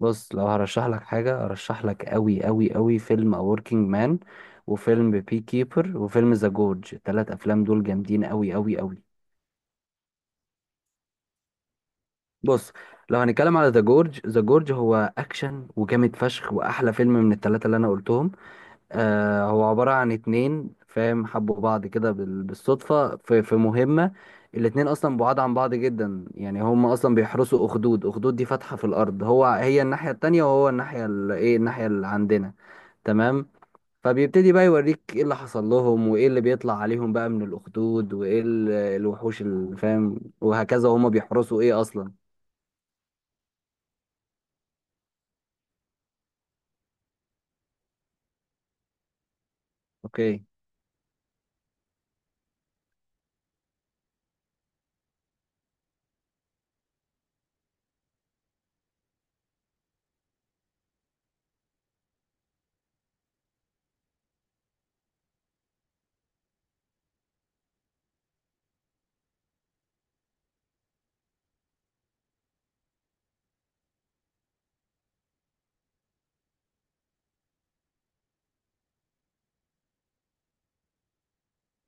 بص، لو هرشح لك حاجة هرشح لك قوي قوي قوي فيلم A Working Man وفيلم بي كيبر وفيلم ذا جورج. التلات أفلام دول جامدين قوي قوي قوي. بص، لو هنتكلم على ذا جورج، ذا جورج هو أكشن وجامد فشخ وأحلى فيلم من التلاتة اللي أنا قلتهم. هو عبارة عن اتنين فاهم حبوا بعض كده بالصدفة في مهمة. الاتنين أصلا بعاد عن بعض جدا، يعني هم أصلا بيحرسوا أخدود. أخدود دي فتحة في الأرض، هو هي الناحية التانية وهو الناحية ال- إيه الناحية اللي عندنا. تمام. فبيبتدي بقى يوريك إيه اللي حصل لهم وإيه اللي بيطلع عليهم بقى من الأخدود وإيه الوحوش اللي فاهم وهكذا وهم بيحرسوا إيه أصلا. أوكي.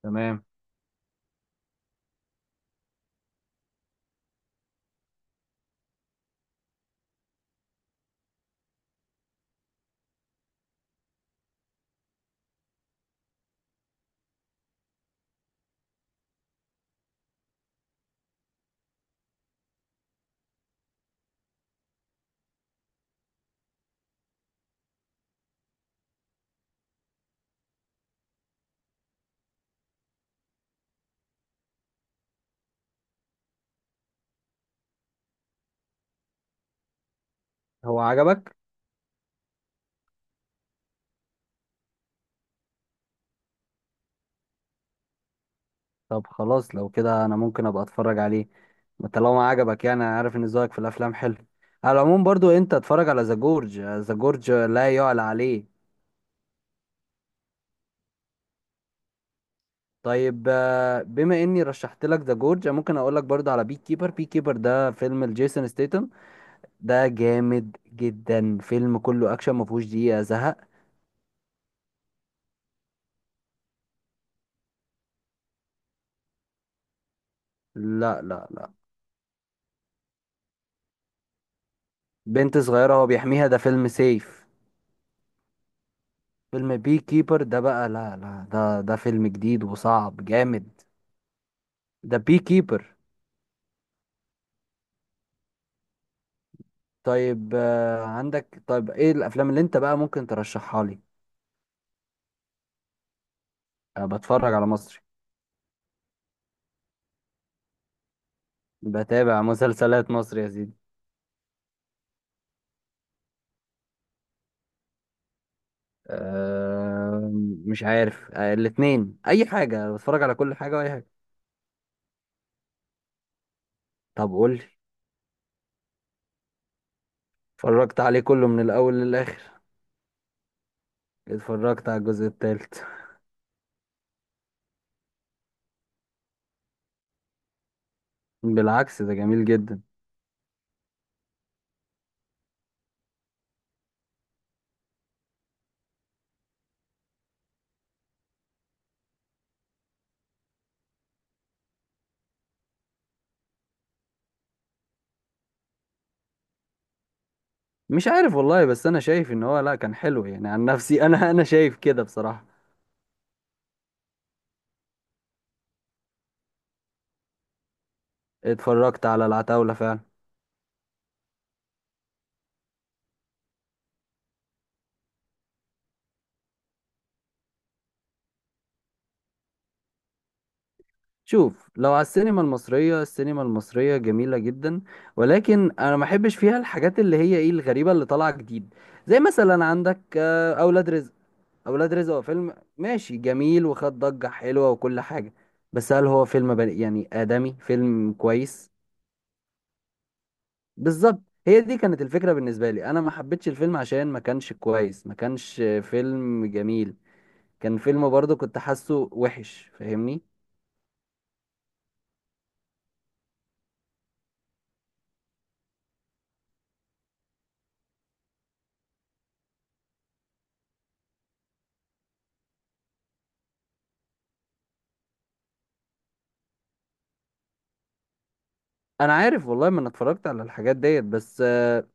تمام. هو عجبك؟ طب خلاص، لو كده انا ممكن ابقى اتفرج عليه طالما عجبك. يعني انا عارف ان ذوقك في الافلام حلو. على العموم برضو انت اتفرج على ذا جورج، ذا جورج لا يعلى عليه. طيب، بما اني رشحت لك ذا جورج ممكن اقول لك برضو على بي كيبر. بي كيبر ده فيلم لجيسون ستيتم. ده جامد جدا، فيلم كله اكشن ما فيهوش دقيقة زهق. لا، لا، لا. بنت صغيرة هو بيحميها، ده فيلم سيف. فيلم بي كيبر ده بقى، لا لا، ده فيلم جديد وصعب جامد. ده بي كيبر. طيب، عندك؟ طيب، ايه الافلام اللي انت بقى ممكن ترشحها لي؟ أه، بتفرج على مصري. بتابع مسلسلات مصري يا سيدي. أه، مش عارف. الاتنين، اي حاجة، بتفرج على كل حاجة واي حاجة. طب قول لي. اتفرجت عليه كله من الاول للاخر. اتفرجت على الجزء التالت. بالعكس، ده جميل جدا. مش عارف والله، بس انا شايف ان هو لا، كان حلو يعني. عن نفسي، انا شايف كده بصراحة. اتفرجت على العتاولة فعلا. شوف، لو على السينما المصرية، السينما المصرية جميلة جدا. ولكن أنا ما بحبش فيها الحاجات اللي هي الغريبة اللي طالعة جديد. زي مثلا عندك، أولاد رزق. أولاد رزق هو فيلم ماشي جميل، وخد ضجة حلوة وكل حاجة. بس هل هو فيلم بني يعني آدمي، فيلم كويس؟ بالظبط. هي دي كانت الفكرة بالنسبة لي. أنا ما حبيتش الفيلم عشان ما كانش كويس، ما كانش فيلم جميل. كان فيلم برضه كنت حاسه وحش، فاهمني؟ أنا عارف والله، ما أنا اتفرجت على الحاجات ديت بس،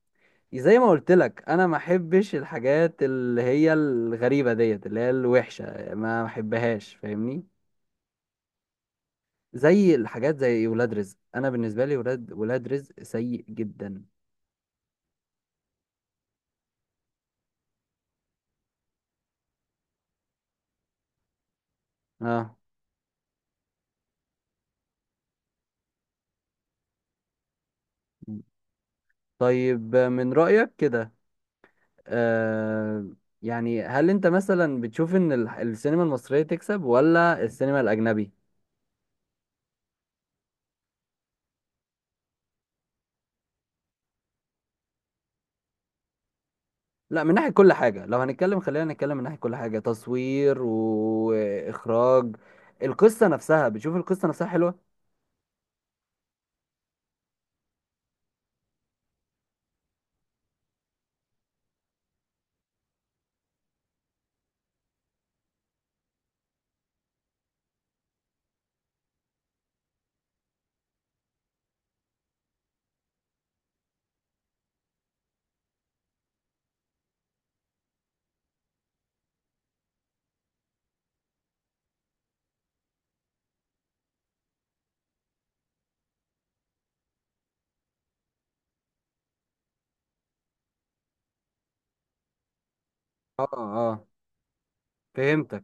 زي ما قلت لك، انا ما احبش الحاجات اللي هي الغريبه ديت اللي هي الوحشه، ما احبهاش. فاهمني؟ زي الحاجات زي ولاد رزق، انا بالنسبه لي ولاد رزق سيء جدا. اه. طيب، من رايك كده، آه يعني هل انت مثلا بتشوف ان السينما المصريه تكسب ولا السينما الاجنبي؟ لا، من ناحيه كل حاجه، لو هنتكلم خلينا نتكلم من ناحيه كل حاجه، تصوير واخراج. القصه نفسها، بتشوف القصه نفسها حلوه؟ اه، اه، فهمتك.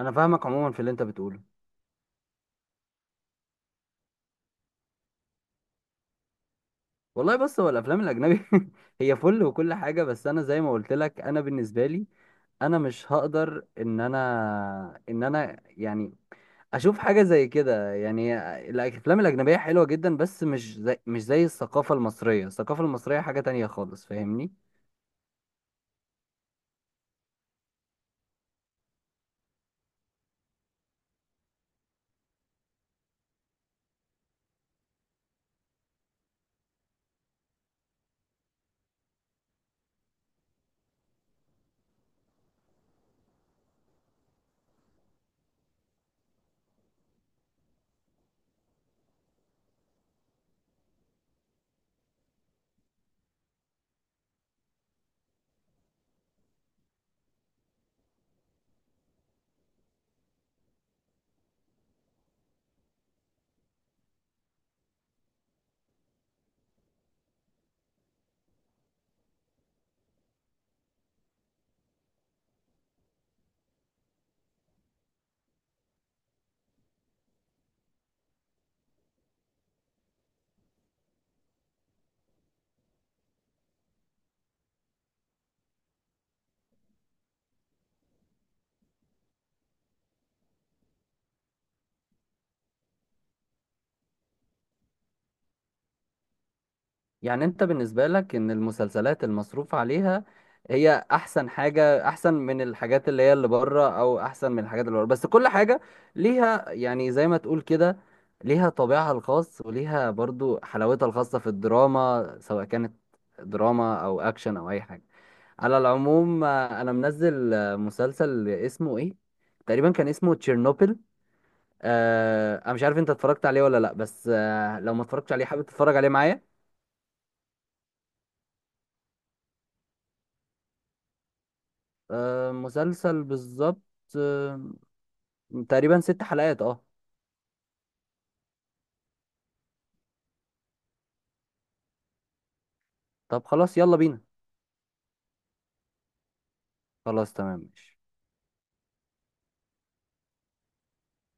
انا فاهمك عموما في اللي انت بتقوله. والله بص، هو الافلام الاجنبي هي فل وكل حاجه، بس انا زي ما قلت لك، انا بالنسبه لي انا مش هقدر ان انا يعني اشوف حاجه زي كده يعني. الافلام الاجنبيه حلوه جدا، بس مش زي الثقافه المصريه. الثقافه المصريه حاجه تانية خالص. فاهمني؟ يعني انت بالنسبة لك ان المسلسلات المصروف عليها هي احسن حاجة، احسن من الحاجات اللي هي اللي بره، او احسن من الحاجات اللي بره بس كل حاجة ليها، يعني زي ما تقول كده، ليها طابعها الخاص وليها برضو حلاوتها الخاصة في الدراما، سواء كانت دراما او اكشن او اي حاجة. على العموم، انا منزل مسلسل اسمه ايه تقريبا، كان اسمه تشيرنوبل. انا مش عارف انت اتفرجت عليه ولا لا، بس لو ما اتفرجتش عليه حابب تتفرج عليه معايا؟ آه، مسلسل بالظبط. آه تقريبا ست حلقات. اه. طب خلاص، يلا بينا. خلاص، تمام، ماشي.